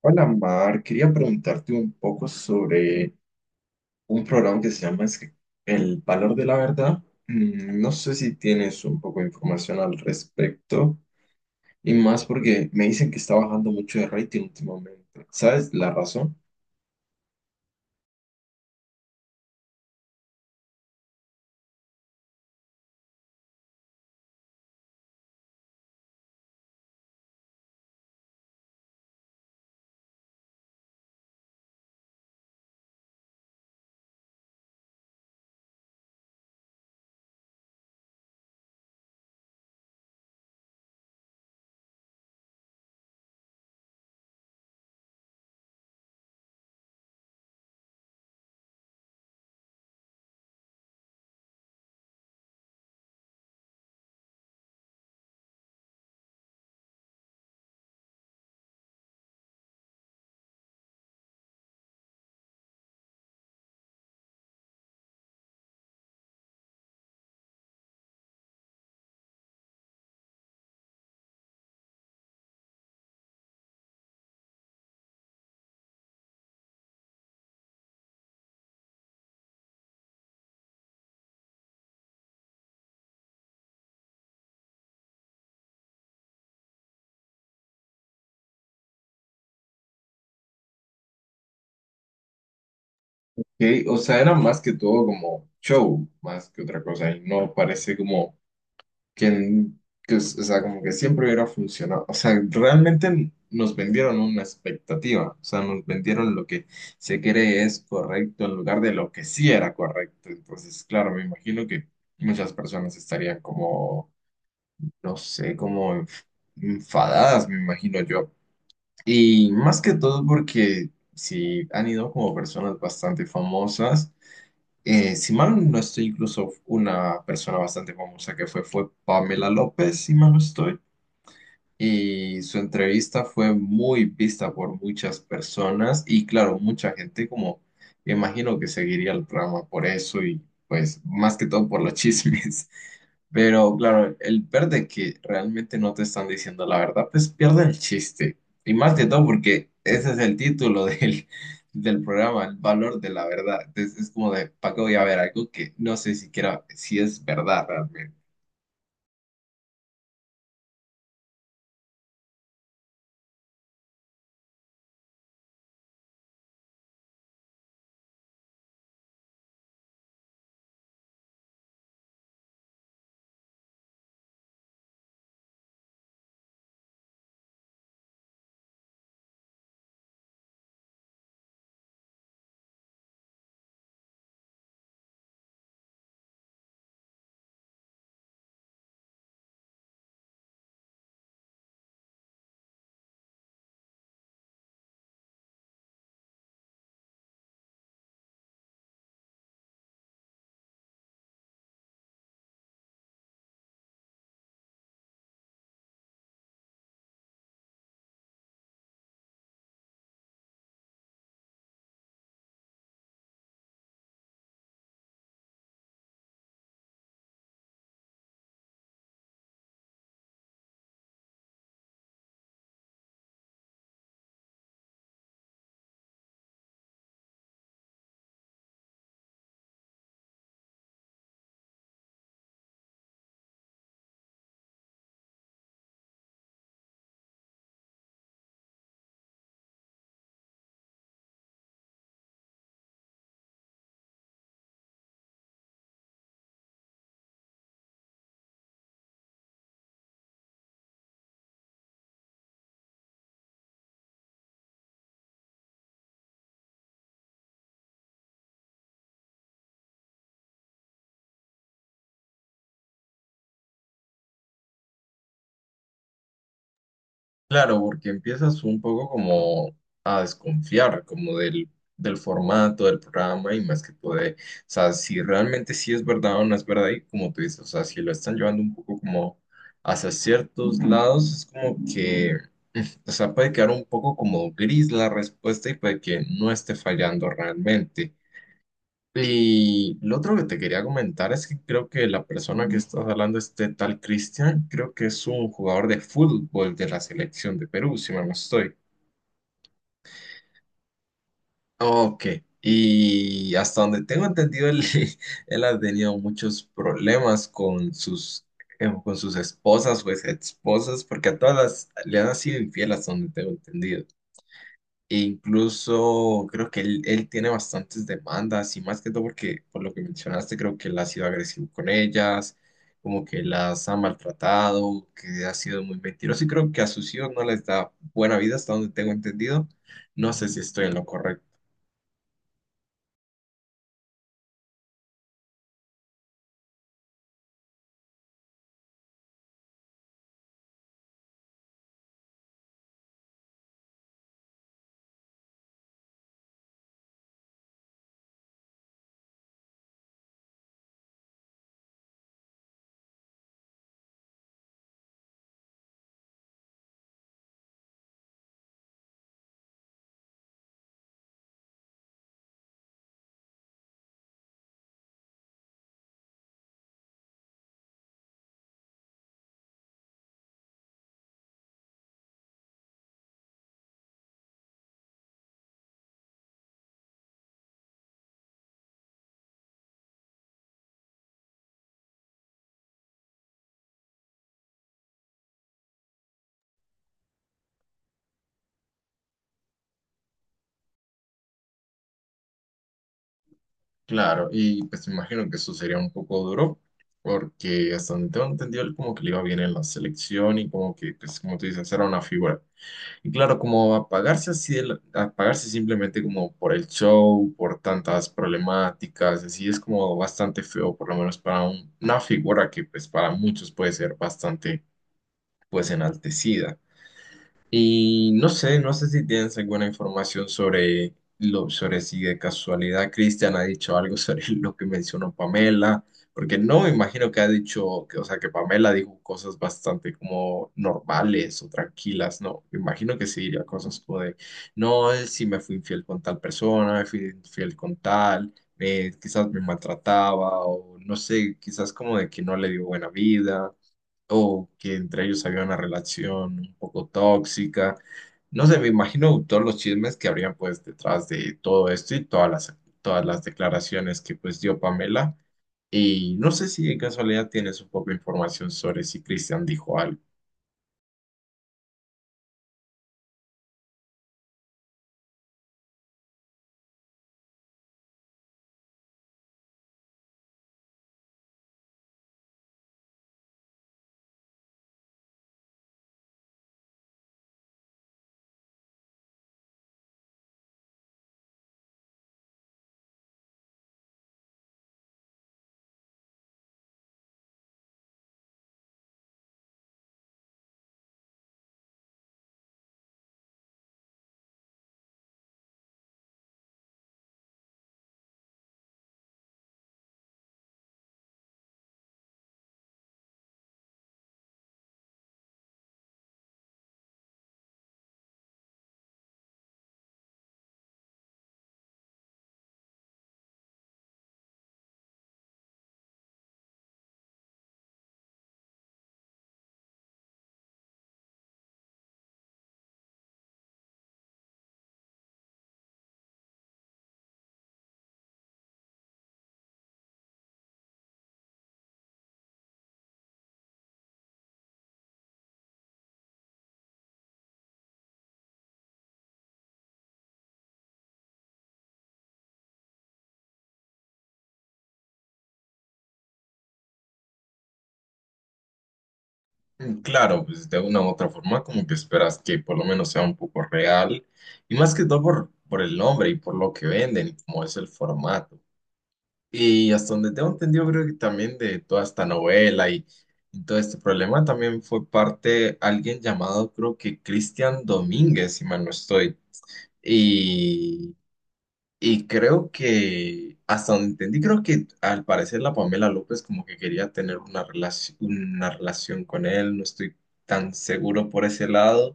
Hola Mar, quería preguntarte un poco sobre un programa que se llama El Valor de la Verdad. No sé si tienes un poco de información al respecto y más porque me dicen que está bajando mucho de rating últimamente. ¿Sabes la razón? Que, o sea, era más que todo como show, más que otra cosa y no parece como que, o sea, como que siempre hubiera funcionado. O sea, realmente nos vendieron una expectativa, o sea, nos vendieron lo que se cree es correcto en lugar de lo que sí era correcto. Entonces, claro, me imagino que muchas personas estarían como, no sé, como enfadadas, me imagino yo. Y más que todo porque si han ido como personas bastante famosas. Si mal no estoy, incluso una persona bastante famosa que fue Pamela López, si mal no estoy. Y su entrevista fue muy vista por muchas personas y claro, mucha gente como me imagino que seguiría el programa por eso y pues más que todo por los chismes. Pero claro, el verde que realmente no te están diciendo la verdad, pues pierde el chiste. Y más que todo porque ese es el título del programa, el valor de la verdad. Entonces es como de, ¿para qué voy a ver algo que no sé siquiera si es verdad realmente? Claro, porque empiezas un poco como a desconfiar como del formato del programa y más que todo de, o sea, si realmente sí es verdad o no es verdad y como tú dices, o sea, si lo están llevando un poco como hacia ciertos lados, es como que, o sea, puede quedar un poco como gris la respuesta y puede que no esté fallando realmente. Y lo otro que te quería comentar es que creo que la persona que estás hablando, este tal Cristian, creo que es un jugador de fútbol de la selección de Perú, si mal no estoy. Ok, y hasta donde tengo entendido, él, él ha tenido muchos problemas con con sus esposas o ex esposas, porque a le han sido infiel hasta donde tengo entendido. E incluso creo que él tiene bastantes demandas y más que todo porque por lo que mencionaste creo que él ha sido agresivo con ellas, como que las ha maltratado, que ha sido muy mentiroso y creo que a sus hijos no les da buena vida hasta donde tengo entendido. No sé si estoy en lo correcto. Claro, y pues me imagino que eso sería un poco duro porque hasta donde tengo entendido él como que le iba bien en la selección y como que pues como tú dices era una figura. Y claro, como apagarse así, apagarse simplemente como por el show, por tantas problemáticas, así es como bastante feo, por lo menos para una figura que pues para muchos puede ser bastante pues enaltecida. Y no sé, no sé si tienes alguna información sobre, sobre si de casualidad Cristian ha dicho algo sobre lo que mencionó Pamela, porque no me imagino que ha dicho, que, o sea, que Pamela dijo cosas bastante como normales o tranquilas, no, me imagino que sí diría cosas como de, no, él sí me fui infiel con tal persona, me fui infiel con tal, quizás me maltrataba o no sé, quizás como de que no le dio buena vida o que entre ellos había una relación un poco tóxica. No sé, me imagino todos los chismes que habrían pues detrás de todo esto y todas las declaraciones que pues dio Pamela. Y no sé si de casualidad tienes un poco de información sobre si Cristian dijo algo. Claro, pues de una u otra forma como que esperas que por lo menos sea un poco real y más que todo por el nombre y por lo que venden, como es el formato. Y hasta donde tengo entendido, creo que también de toda esta novela y todo este problema también fue parte alguien llamado, creo que Cristian Domínguez, si mal no estoy. Y, y creo que, hasta donde entendí, creo que al parecer la Pamela López como que quería tener una relación con él, no estoy tan seguro por ese lado.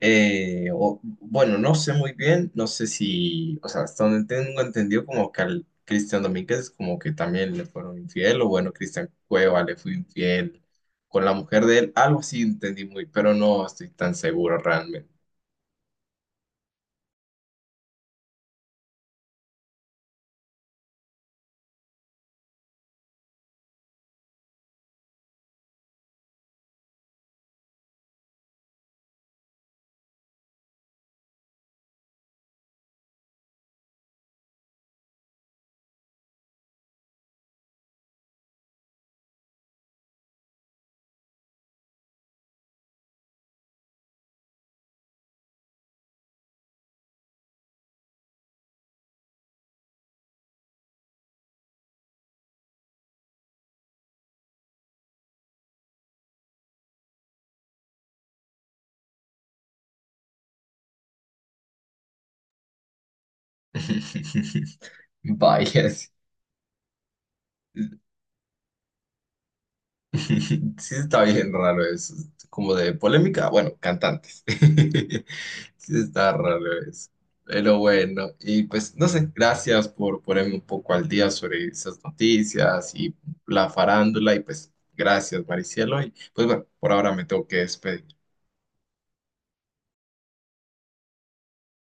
Bueno, no sé muy bien, no sé si, o sea, hasta donde tengo entendido como que al Cristian Domínguez como que también le fueron infiel, o bueno, Cristian Cueva le fue infiel con la mujer de él, algo así entendí muy, pero no estoy tan seguro realmente. Vaya, sí. Sí, está bien raro eso. Como de polémica, bueno, cantantes. Sí, está raro eso. Pero bueno, y pues no sé, gracias por ponerme un poco al día sobre esas noticias y la farándula. Y pues gracias, Maricielo. Y pues bueno, por ahora me tengo que despedir.